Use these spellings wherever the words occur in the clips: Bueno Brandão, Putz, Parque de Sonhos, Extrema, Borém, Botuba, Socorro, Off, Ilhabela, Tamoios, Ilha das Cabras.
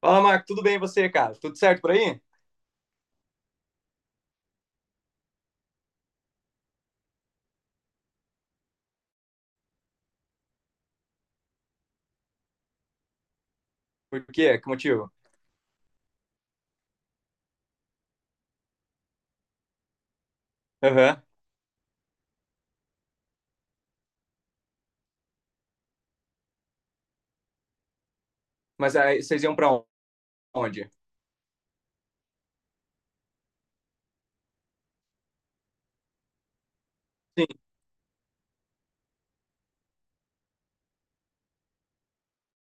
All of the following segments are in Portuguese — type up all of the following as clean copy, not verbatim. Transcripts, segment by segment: Fala, Marco, tudo bem e você, cara? Tudo certo por aí? Por quê? Que motivo? Aham. Mas aí vocês iam pra onde? Sim,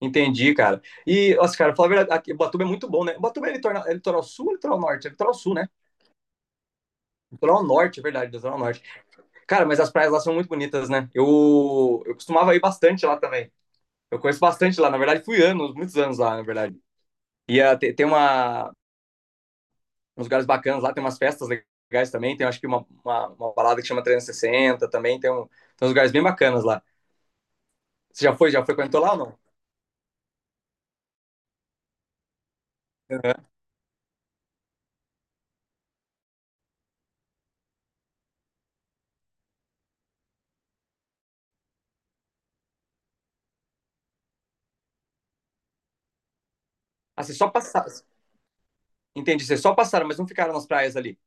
entendi, cara. E, nossa, cara, falar a verdade, aqui, Botuba é muito bom, né? Botuba é litoral sul ou litoral norte? É litoral sul, né? Litoral norte, é verdade, litoral norte. Cara, mas as praias lá são muito bonitas, né? Eu costumava ir bastante lá também. Eu conheço bastante lá, na verdade, fui anos, muitos anos lá, na verdade. E tem uns lugares bacanas lá, tem umas festas legais também, tem acho que uma balada que chama 360 também, tem uns lugares bem bacanas lá. Você já foi? Já frequentou lá ou não? Ah, vocês só passaram. Entendi, vocês só passaram, mas não ficaram nas praias ali.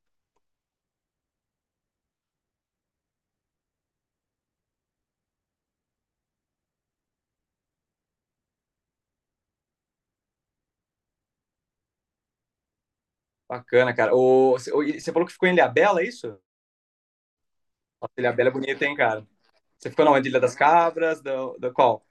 Bacana, cara. O, você falou que ficou em Ilhabela, é isso? Nossa, Ilhabela é bonita, hein, cara? Você ficou na onde? Ilha das Cabras, da qual?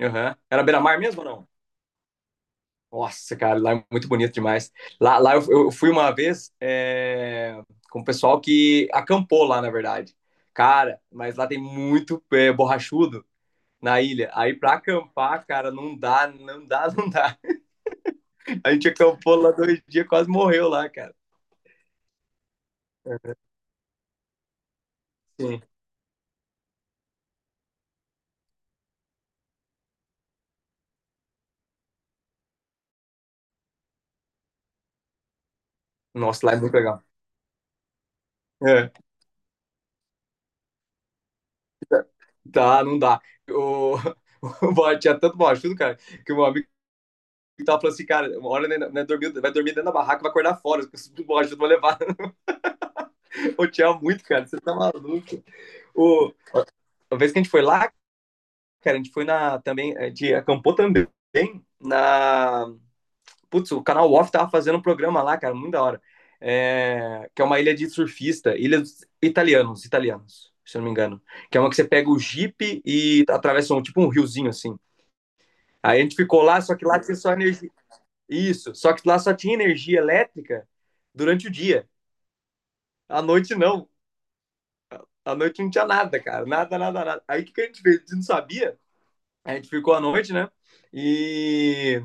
Aham. Era beira-mar mesmo ou não? Nossa, cara, lá é muito bonito demais. Lá eu fui uma vez com o pessoal que acampou lá, na verdade. Cara, mas lá tem muito borrachudo na ilha. Aí pra acampar, cara, não dá, não dá, não dá. A gente acampou lá 2 dias, quase morreu lá, cara. Sim. Nossa, lá é muito legal. É, tá, não dá. O, o Bob tinha tanto mau ajudo, cara, que o meu amigo tava falando assim, cara, uma hora né, dormir, vai dormir dentro da barraca, vai acordar fora, os mau ajudo vão levar. Eu tinha muito, cara, você tá maluco. O, a vez que a gente foi lá, cara, a gente foi na, também, a gente acampou também na Putz, o canal Off tava fazendo um programa lá, cara, muito da hora. É, que é uma ilha de surfista, ilha dos italianos, italianos, se eu não me engano. Que é uma que você pega o Jeep e atravessa tipo um riozinho assim. Aí a gente ficou lá, só que lá tinha só energia. Isso, só que lá só tinha energia elétrica durante o dia. À noite não. À noite não tinha nada, cara. Nada, nada, nada. Aí o que, que a gente fez? A gente não sabia. A gente ficou à noite, né? E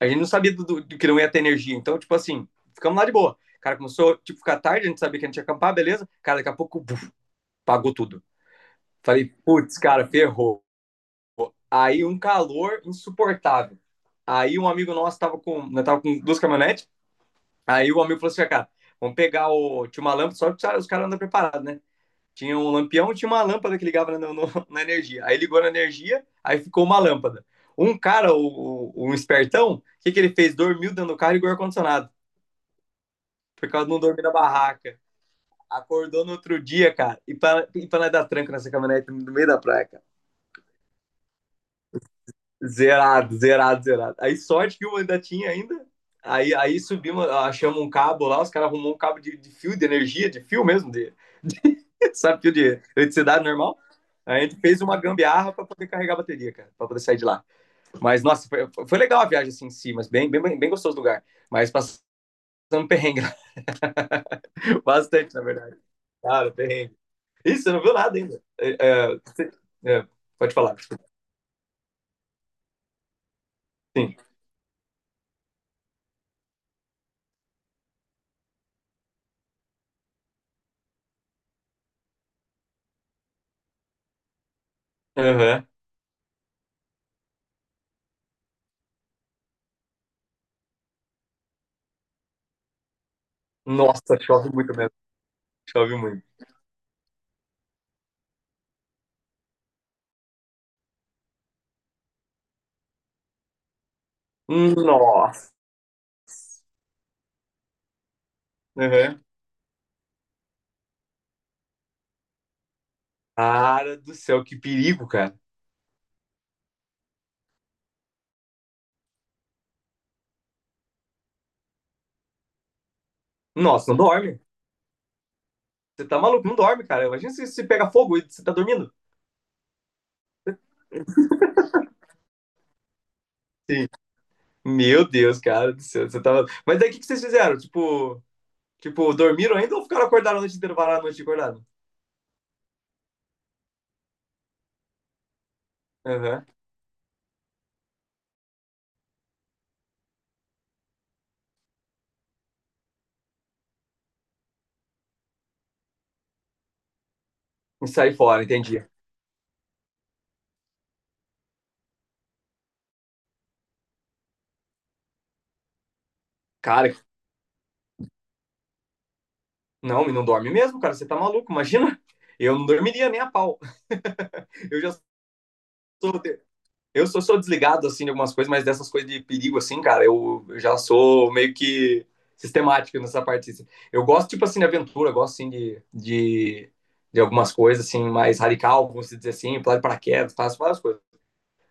a gente não sabia do que não ia ter energia. Então, tipo assim, ficamos lá de boa. Cara, começou, tipo, ficar tarde, a gente sabia que a gente ia acampar, beleza. Cara, daqui a pouco, buf, pagou tudo. Falei, putz, cara, ferrou. Aí um calor insuportável. Aí um amigo nosso tava com duas caminhonetes. Aí o amigo falou assim, cara, vamos pegar o... Tinha uma lâmpada, só que os caras andam preparados, né? Tinha um lampião e tinha uma lâmpada que ligava né, no, no, na energia. Aí ligou na energia, aí ficou uma lâmpada. Um cara, o um espertão, o que, que ele fez? Dormiu dentro do carro e ligou o ar-condicionado. Por causa de não dormir na barraca. Acordou no outro dia, cara. E pra nós dar tranco nessa caminhonete no meio da praia, cara. Zerado, zerado, zerado. Aí sorte que o ainda tinha ainda. Aí subimos, achamos um cabo lá, os caras arrumou um cabo de fio de energia, de fio mesmo, de, sabe, fio de eletricidade normal. Aí a gente fez uma gambiarra para poder carregar a bateria, cara, para poder sair de lá. Mas, nossa, foi legal a viagem assim em si, mas bem, bem, bem gostoso o lugar. Mas passando perrengue, bastante, na verdade. Cara, perrengue. Isso, você não viu nada ainda. É, é, é, pode falar. Sim. Aham. Nossa, chove muito mesmo. Chove muito. Nossa. Aham. Cara do céu, que perigo, cara. Nossa, não dorme. Você tá maluco, não dorme, cara. Imagina se pega fogo e você tá dormindo. Sim. Meu Deus, cara do céu, você tava. Mas daí o que, que vocês fizeram? Tipo, dormiram ainda ou ficaram acordados a noite inteira, pararam a noite acordado? Aham. E sair fora, entendi. Cara, não, e não dorme mesmo, cara. Você tá maluco, imagina. Eu não dormiria nem a pau. Eu já sou, eu sou desligado, assim, de algumas coisas, mas dessas coisas de perigo, assim, cara, eu já sou meio que sistemático nessa parte, assim. Eu gosto, tipo assim, de aventura, gosto, assim, de algumas coisas, assim, mais radical, vamos dizer assim, pular de paraquedas, faço várias coisas.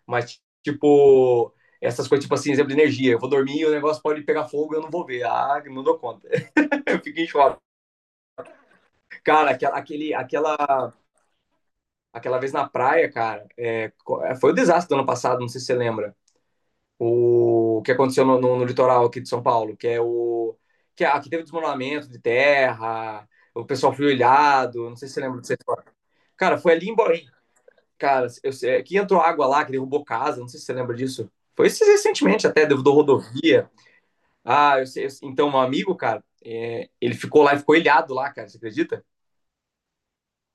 Mas, tipo, essas coisas, tipo assim, exemplo de energia. Eu vou dormir e o negócio pode pegar fogo e eu não vou ver. Ah, não dou conta. Eu fico em choque. Cara, aquela vez na praia, cara, foi o desastre do ano passado, não sei se você lembra. O que aconteceu no litoral aqui de São Paulo, que é aqui teve desmoronamento de terra, o pessoal foi olhado, não sei se você lembra disso história. Cara, foi ali em Borém, cara, que entrou água lá, que derrubou casa, não sei se você lembra disso. Foi isso recentemente até, derrubou rodovia. Ah, eu sei, eu sei. Então um amigo, cara, ele ficou lá e ficou ilhado lá, cara, você acredita?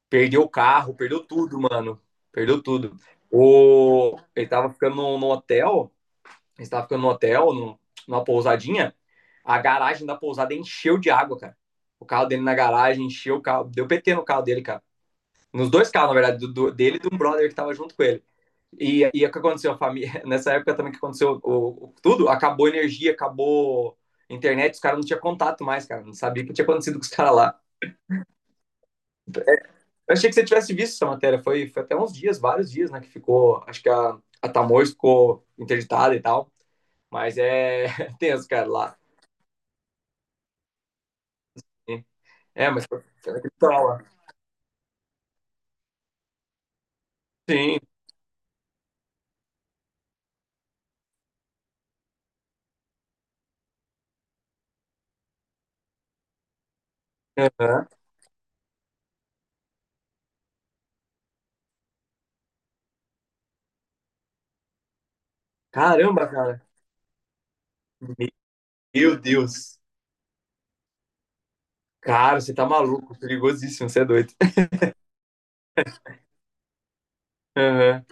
Perdeu o carro, perdeu tudo, mano, perdeu tudo. O, ele tava ficando num hotel estava ficando no hotel, numa pousadinha, a garagem da pousada encheu de água, cara. O carro dele na garagem encheu o carro, deu PT no carro dele, cara. Nos dois carros, na verdade, dele e de um brother que tava junto com ele. E é o que aconteceu? A família, nessa época também que aconteceu tudo, acabou a energia, acabou a internet, os caras não tinham contato mais, cara. Não sabia o que tinha acontecido com os caras lá. Eu achei que você tivesse visto essa matéria. Foi até uns dias, vários dias, né? Que ficou. Acho que a Tamoios ficou interditada e tal. Mas é tenso, cara, lá. É, mas foi naquele lá. Sim. Aham. Caramba, cara. Meu Deus. Cara, você tá maluco. Perigosíssimo, você é doido. Aham.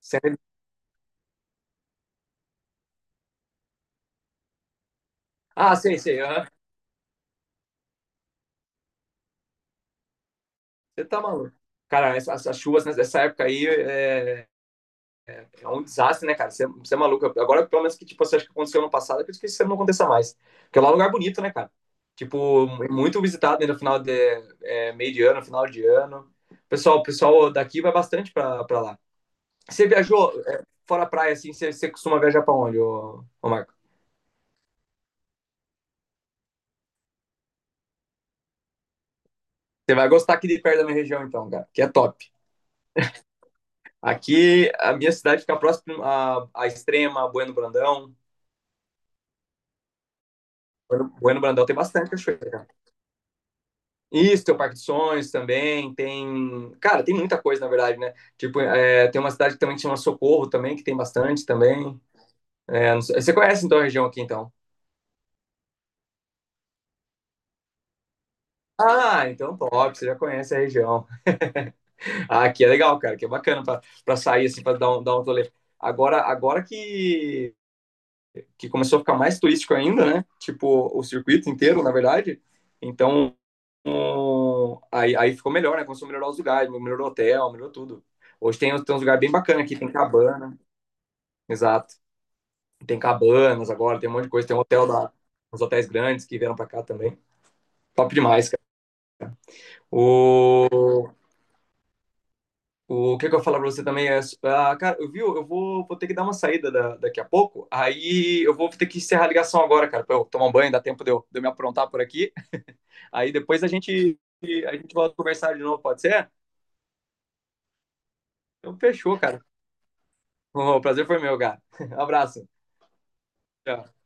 Sério? Ah, sei, sei. Aham. Você tá maluco. Cara, essas, as chuvas nessa época aí é um desastre, né, cara? Você é maluco. Agora, pelo menos que tipo, você acha que aconteceu ano passado, eu acredito que isso não aconteça mais. Porque lá é um lugar bonito, né, cara? Tipo, é muito visitado ainda no meio de ano, final de ano. O pessoal daqui vai bastante pra lá. Você viajou fora a praia, assim, você costuma viajar pra onde, ô Marco? Você vai gostar aqui de perto da minha região, então, cara, que é top. Aqui, a minha cidade fica próxima à Extrema, Bueno Brandão. Bueno Brandão tem bastante cachoeira, cara. Isso, tem o Parque de Sonhos também, tem... Cara, tem muita coisa, na verdade, né? Tipo, tem uma cidade que também chama Socorro também, que tem bastante também. É, não sei- Você conhece, então, a região aqui, então? Ah, então top, você já conhece a região. Ah, aqui é legal, cara, que é bacana para sair, assim, para dar um rolê. Agora que começou a ficar mais turístico ainda, né? Tipo, o circuito inteiro, na verdade. Então, aí ficou melhor, né? Começou a melhorar os lugares, melhorou o hotel, melhorou tudo. Hoje tem uns lugares bem bacanas aqui, tem cabana, exato. Tem cabanas agora, tem um monte de coisa, tem uns hotéis grandes que vieram para cá também. Top demais, cara. O, que, que eu ia falar pra você também cara, eu vou ter que dar uma saída daqui a pouco, aí eu vou ter que encerrar a ligação agora, cara, pra eu tomar um banho, dá tempo de eu me aprontar por aqui, aí depois a gente volta a conversar de novo, pode ser? Então fechou, cara. O prazer foi meu, cara. Abraço. Tchau.